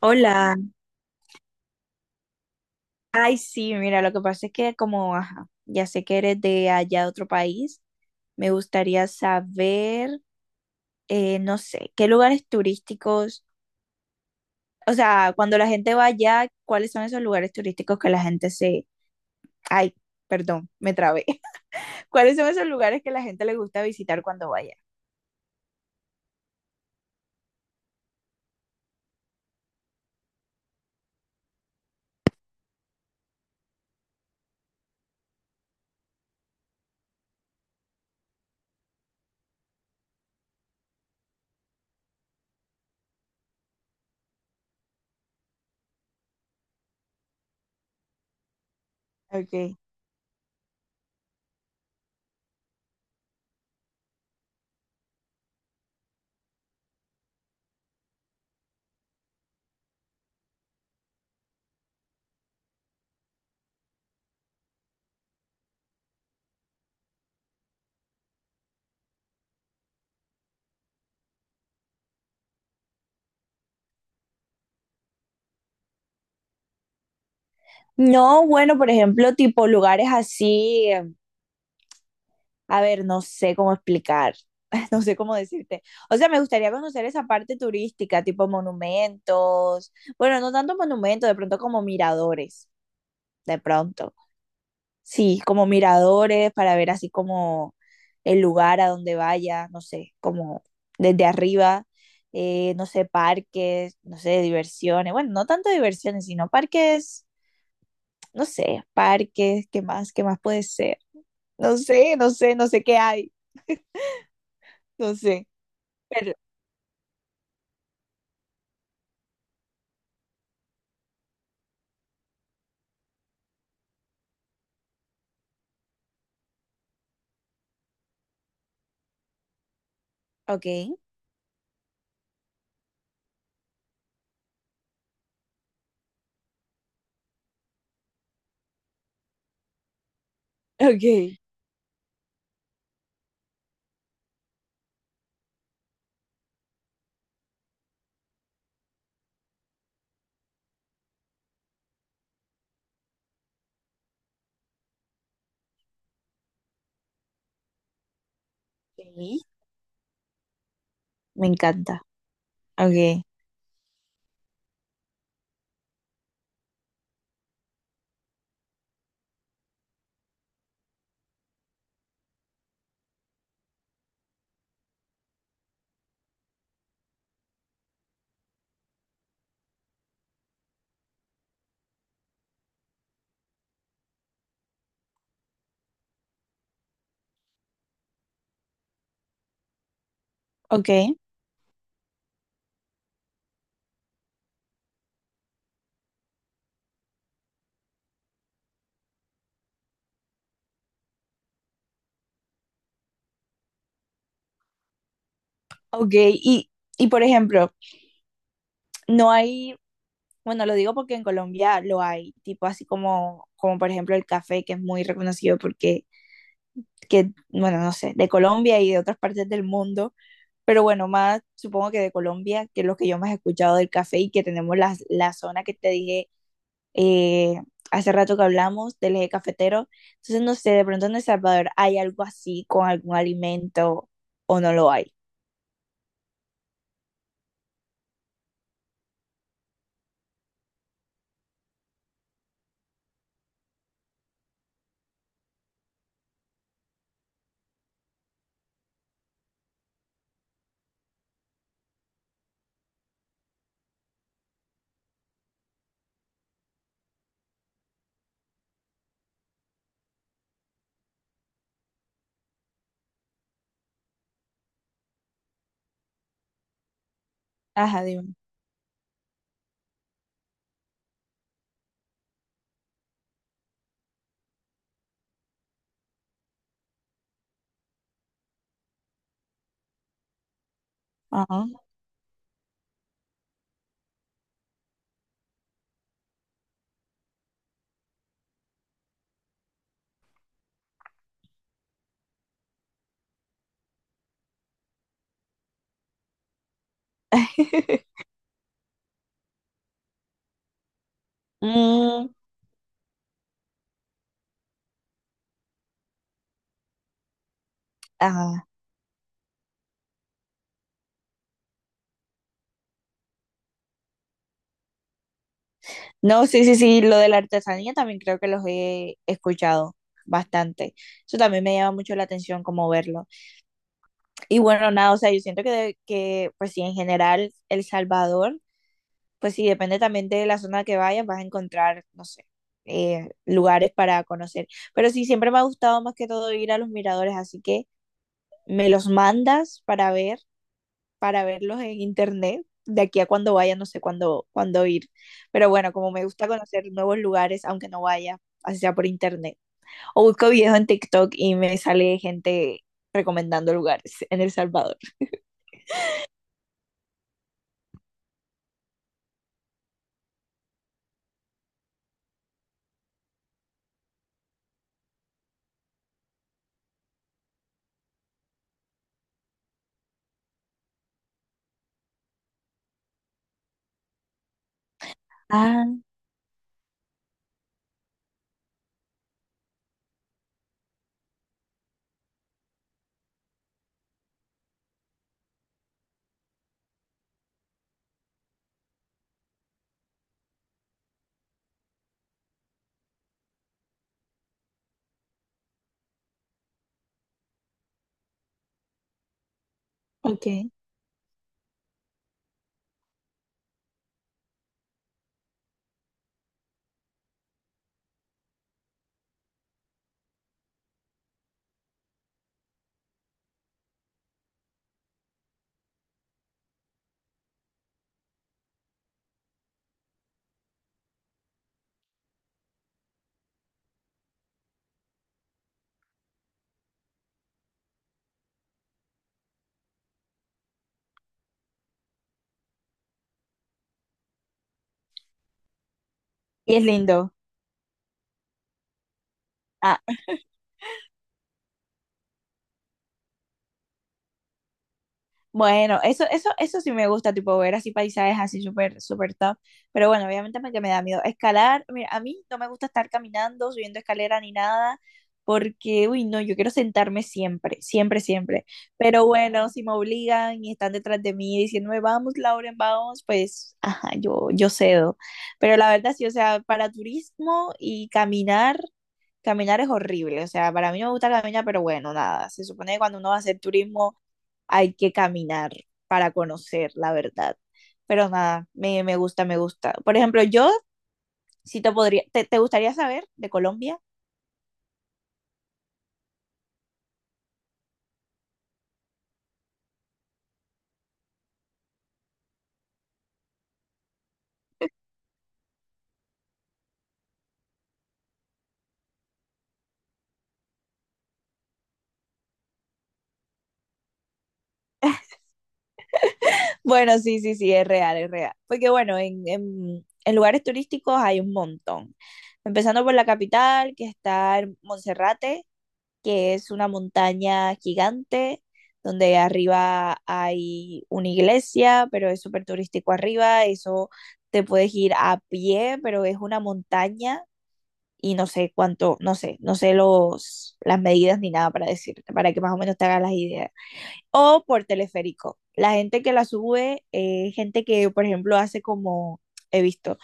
Hola, ay sí, mira, lo que pasa es que como, ajá, ya sé que eres de allá de otro país, me gustaría saber, no sé, qué lugares turísticos, o sea, cuando la gente va allá, ¿cuáles son esos lugares turísticos que la gente se, ay, perdón, me trabé, ¿cuáles son esos lugares que la gente le gusta visitar cuando vaya? Okay. No, bueno, por ejemplo, tipo lugares así. A ver, no sé cómo explicar, no sé cómo decirte. O sea, me gustaría conocer esa parte turística, tipo monumentos. Bueno, no tanto monumentos, de pronto como miradores, de pronto. Sí, como miradores para ver así como el lugar a donde vaya, no sé, como desde arriba, no sé, parques, no sé, diversiones. Bueno, no tanto diversiones, sino parques, no sé, parques, ¿qué más? ¿Qué más puede ser? No sé, no sé, no sé qué hay, no sé. Ok, ok. Ok, me encanta. Ok, ok, ok. Y por ejemplo, no hay, bueno, lo digo porque en Colombia lo hay, tipo así como, como por ejemplo el café, que es muy reconocido porque, que, bueno, no sé, de Colombia y de otras partes del mundo, pero bueno, más supongo que de Colombia, que es lo que yo más he escuchado del café y que tenemos la zona que te dije eh, hace rato que hablamos del eje cafetero. Entonces, no sé, de pronto en El Salvador hay algo así con algún alimento o no lo hay. Ajá, dime. Ajá. Mm, ajá. No, sí, sí, sí, lo de la artesanía también creo que los he escuchado bastante. Eso también me llama mucho la atención como verlo. Y bueno, nada, o sea, yo siento que, de- que pues sí, en general El Salvador. Pues sí, depende también de la zona que vayas, vas a encontrar, no sé, lugares para conocer. Pero sí, siempre me ha gustado más que todo ir a los miradores, así que me los mandas para ver, para verlos en internet. De aquí a cuando vaya, no sé cuándo, cuándo ir. Pero bueno, como me gusta conocer nuevos lugares, aunque no vaya, así sea por internet. O busco videos en TikTok y me sale gente recomendando lugares en El Salvador. Ah, ok. Y es lindo. Bueno, eso sí me gusta, tipo ver así paisajes así súper, súper top. Pero bueno, obviamente me, que me da miedo. Escalar, mira, a mí no me gusta estar caminando, subiendo escalera ni nada, porque, uy, no, yo quiero sentarme siempre, siempre, siempre. Pero bueno, si me obligan y están detrás de mí diciéndome, vamos, Lauren, vamos, pues, ajá, yo cedo. Pero la verdad sí, o sea, para turismo y caminar, caminar es horrible. O sea, para mí no me gusta caminar, pero bueno, nada, se supone que cuando uno va a hacer turismo hay que caminar para conocer la verdad. Pero nada, me gusta, me gusta. Por ejemplo, yo si te podría, te, ¿gustaría saber de Colombia? Bueno, sí, sí, sí, es real, es real. Porque bueno, en lugares turísticos hay un montón. Empezando por la capital, que está en Monserrate, que es una montaña gigante, donde arriba hay una iglesia, pero es súper turístico arriba, eso te puedes ir a pie, pero es una montaña y no sé cuánto, no sé, no sé los, las medidas ni nada para decirte, para que más o menos te hagas las ideas. O por teleférico. La gente que la sube, gente que, por ejemplo, hace como, he visto,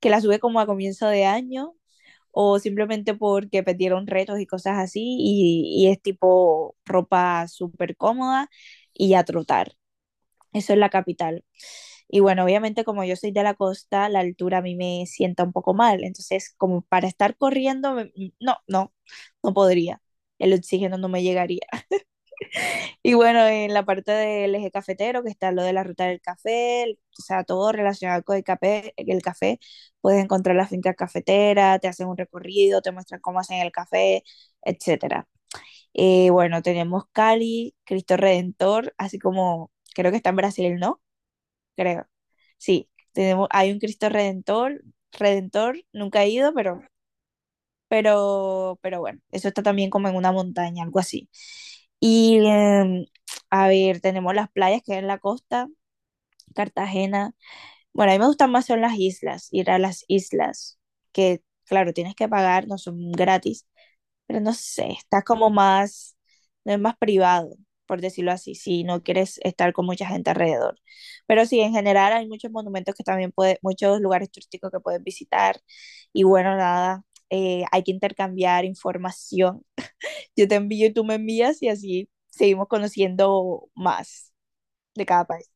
que la sube como a comienzo de año o simplemente porque perdieron retos y cosas así y es tipo ropa súper cómoda y a trotar. Eso es la capital. Y bueno, obviamente como yo soy de la costa, la altura a mí me sienta un poco mal. Entonces, como para estar corriendo, me- no, no, no podría. El oxígeno no me llegaría. Y bueno, en la parte del eje cafetero, que está lo de la ruta del café, el- o sea, todo relacionado con el café, puedes encontrar la finca cafetera, te hacen un recorrido, te muestran cómo hacen el café, etcétera. Bueno, tenemos Cali, Cristo Redentor, así como creo que está en Brasil, ¿no? Creo. Sí, tenemos, hay un Cristo Redentor, Redentor, nunca he ido, pero bueno, eso está también como en una montaña, algo así. Y a ver, tenemos las playas que hay en la costa, Cartagena. Bueno, a mí me gustan más son las islas, ir a las islas, que claro, tienes que pagar, no son gratis, pero no sé, está como más, no es más privado, por decirlo así, si no quieres estar con mucha gente alrededor. Pero sí, en general hay muchos monumentos que también puedes, muchos lugares turísticos que puedes visitar y bueno, nada, hay que intercambiar información. Yo te envío y tú me envías y así seguimos conociendo más de cada país.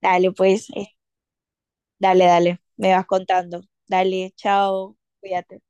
Dale, pues, dale, dale, me vas contando. Dale, chao, cuídate.